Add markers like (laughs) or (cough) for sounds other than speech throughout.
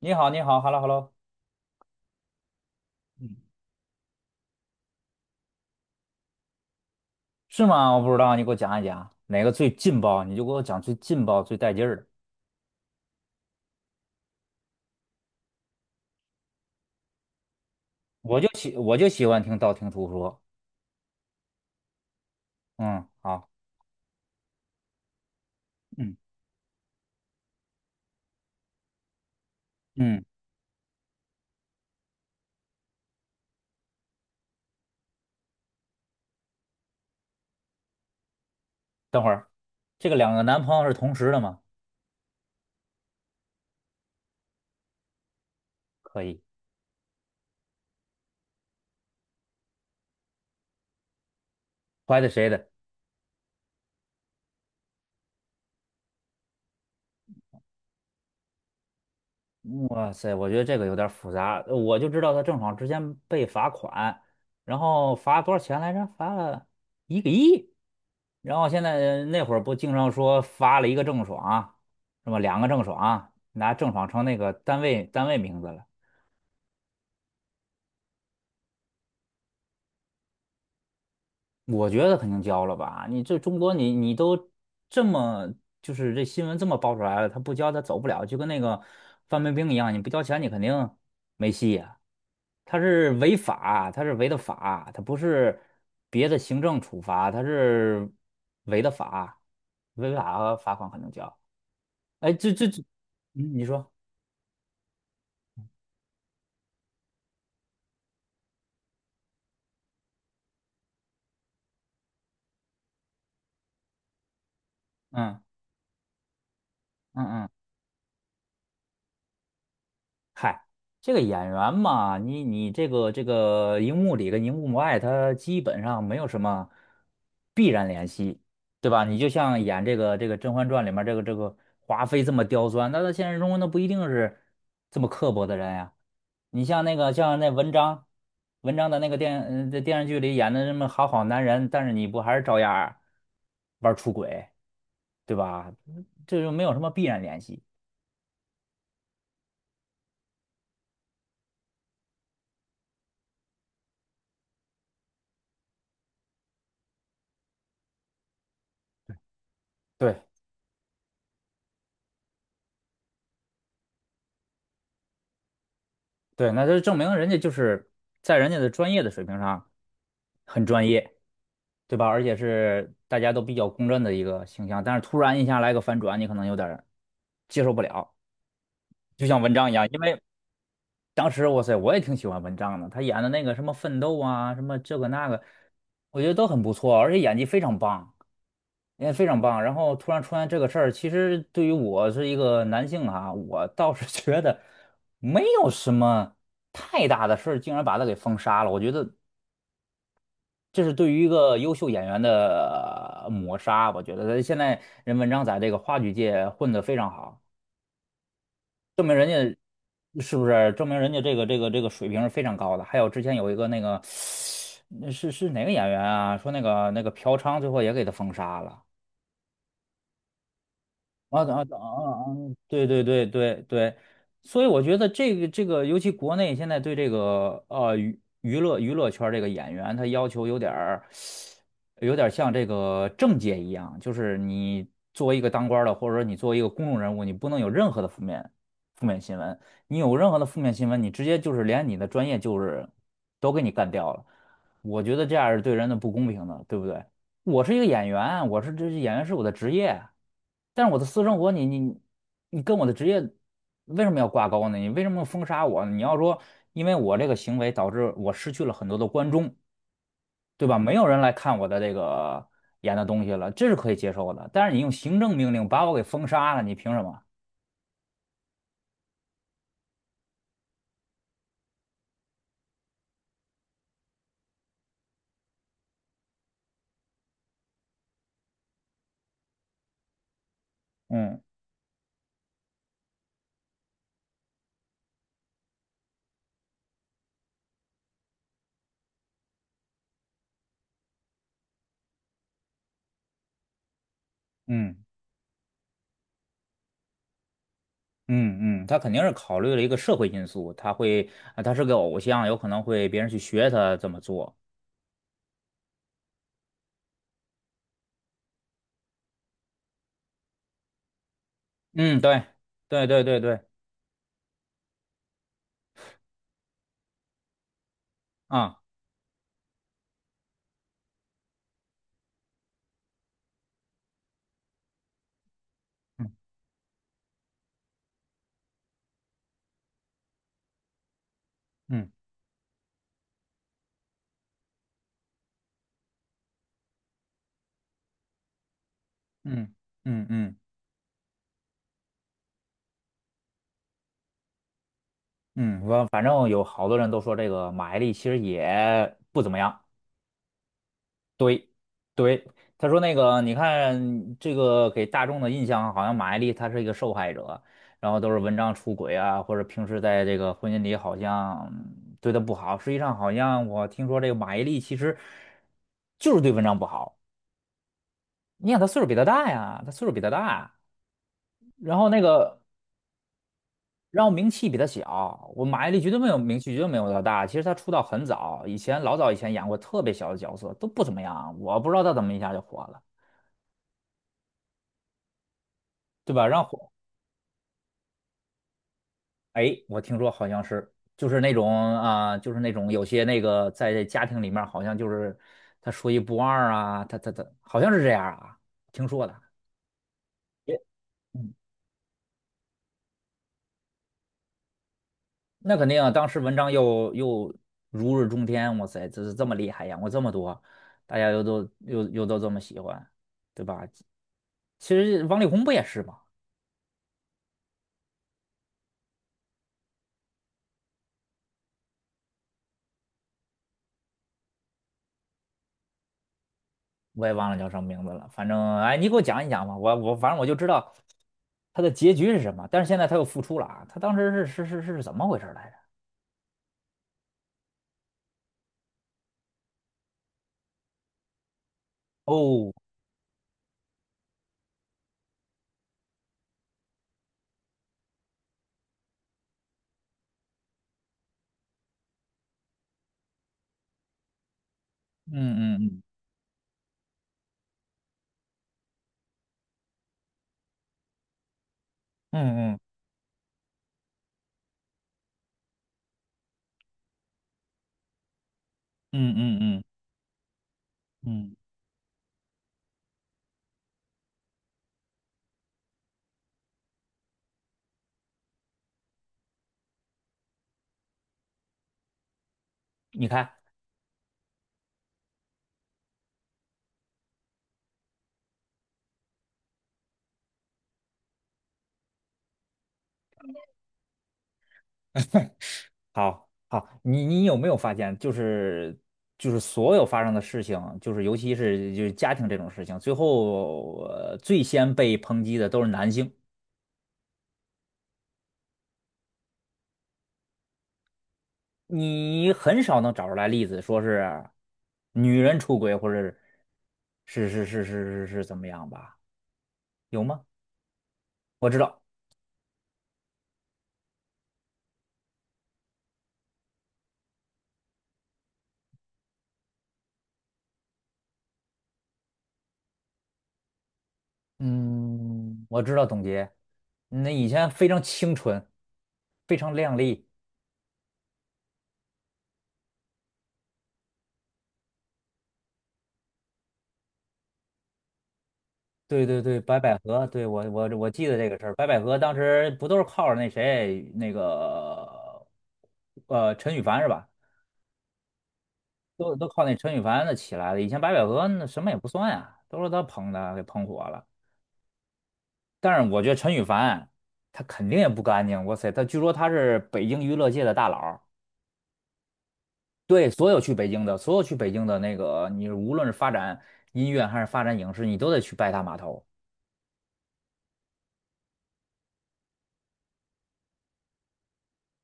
你好，你好，hello hello，嗯，是吗？我不知道，你给我讲一讲哪个最劲爆，你就给我讲最劲爆、最带劲儿的。我就喜欢听道听途说。嗯，好，嗯，嗯，等会儿，这个两个男朋友是同时的吗？可以，怀的谁的？哇塞，我觉得这个有点儿复杂，我就知道他郑爽之前被罚款，然后罚多少钱来着？罚了一个亿。然后现在那会儿不经常说罚了一个郑爽，是吧？两个郑爽，拿郑爽成那个单位名字了。我觉得肯定交了吧？你这中国你都这么就是这新闻这么爆出来了，他不交他走不了，就跟那个范冰冰一样，你不交钱你肯定没戏呀、他是违法，他是违的法，他不是别的行政处罚，他是违的法，违法罚款肯定交。哎，这这这，嗯，你说，嗯嗯嗯。嗨，这个演员嘛，你这个荧幕里跟荧幕外，他基本上没有什么必然联系，对吧？你就像演这个《甄嬛传》里面这个华妃这么刁钻，那在现实中那不一定是这么刻薄的人呀。你像那个像那文章，文章的那个在电视剧里演的这么好男人，但是你不还是照样儿玩儿出轨，对吧？这就没有什么必然联系。对。对，那就证明人家就是在人家的专业的水平上很专业，对吧？而且是大家都比较公认的一个形象，但是突然一下来个反转，你可能有点儿接受不了，就像文章一样，因为当时哇塞，我也挺喜欢文章的，他演的那个什么奋斗啊，什么这个那个，我觉得都很不错，而且演技非常棒，演技非常棒。然后突然出现这个事儿，其实对于我是一个男性啊，我倒是 (laughs) 觉得。没有什么太大的事儿，竟然把他给封杀了。我觉得这是对于一个优秀演员的抹杀，我觉得现在人文章在这个话剧界混得非常好，是不是？证明人家这个水平是非常高的。还有之前有一个那个，那是哪个演员啊？说那个嫖娼最后也给他封杀了。啊啊啊啊！对对对对对，所以我觉得这个，尤其国内现在对这个娱乐圈这个演员，他要求有点儿像这个政界一样，就是你作为一个当官儿的，或者说你作为一个公众人物，你不能有任何的负面新闻。你有任何的负面新闻，你直接就是连你的专业就是都给你干掉了。我觉得这样是对人的不公平的，对不对？我是一个演员，这演员是我的职业，但是我的私生活你跟我的职业为什么要挂钩呢？你为什么要封杀我呢你要说因为我这个行为导致我失去了很多的观众，对吧？没有人来看我的这个演的东西了，这是可以接受的。但是你用行政命令把我给封杀了，你凭什么？嗯嗯嗯嗯，他肯定是考虑了一个社会因素，他会啊他是个偶像，有可能会别人去学他这么做。嗯，对对对对对，啊。嗯嗯嗯嗯嗯嗯，我反正有好多人都说这个马伊琍其实也不怎么样。对对，他说那个你看这个给大众的印象好像马伊琍她是一个受害者，然后都是文章出轨啊，或者平时在这个婚姻里好像对她不好。实际上好像我听说这个马伊琍其实就是对文章不好。你想她岁数比她大呀，她岁数比她大，然后那个。然后名气比他小，我马伊琍绝对没有名气，绝对没有他大。其实他出道很早，老早以前演过特别小的角色，都不怎么样。我不知道他怎么一下就火了，对吧？然后火，哎，我听说好像是就是那种啊、就是那种有些那个在家庭里面好像就是他说一不二啊，他好像是这样啊，听说的。也那肯定啊，当时文章又如日中天，哇塞，这是这么厉害，演过这么多，大家又都这么喜欢，对吧？其实王力宏不也是吗？我也忘了叫什么名字了，反正哎，你给我讲一讲吧，我反正我就知道他的结局是什么，但是现在他又复出了啊，他当时是怎么回事来着？哦，嗯嗯嗯嗯嗯嗯嗯嗯嗯，你看。好，好，你有没有发现，就是所有发生的事情，就是尤其是就是家庭这种事情，最先被抨击的都是男性，你很少能找出来例子说是女人出轨或者是怎么样吧？有吗？我知道，嗯，我知道，董洁，那以前非常清纯，非常靓丽。对对对，白百合，对我记得这个事儿。白百合当时不都是靠着那谁那个陈羽凡是吧？都靠那陈羽凡的起来的。以前白百合那什么也不算呀，都是他捧的，给捧火了。但是我觉得陈羽凡他肯定也不干净。哇塞，他据说他是北京娱乐界的大佬儿。对所有去北京的，所有去北京的那个，你无论是发展音乐还是发展影视，你都得去拜他码头。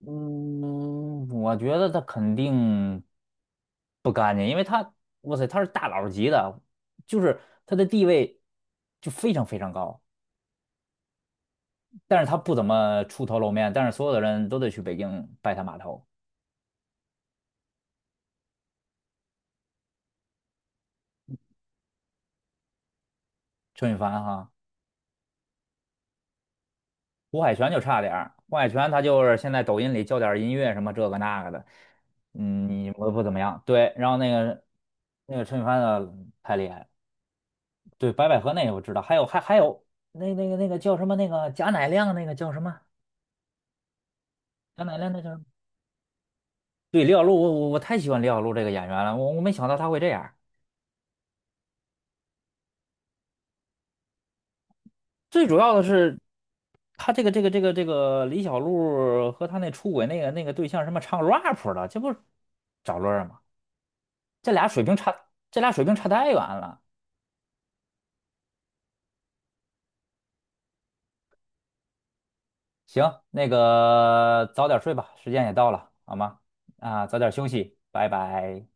嗯，我觉得他肯定不干净，因为他，哇塞，他是大佬级的，就是他的地位就非常非常高，但是他不怎么出头露面，但是所有的人都得去北京拜他码头。陈羽凡哈，胡海泉就差点儿，胡海泉他就是现在抖音里教点儿音乐什么这个那个的，嗯，我不怎么样，对，然后那个陈羽凡的太厉害了。对，白百合那个我知道，还有那个叫什么那个贾乃亮那个叫什么贾乃亮那叫什么？对，李小璐，我太喜欢李小璐这个演员了，我没想到她会这样。最主要的是，她这个李小璐和她那出轨那个对象什么唱 rap 的，这不是找乐儿吗？这俩水平差，这俩水平差太远了。行，那个早点睡吧，时间也到了，好吗？啊，早点休息，拜拜。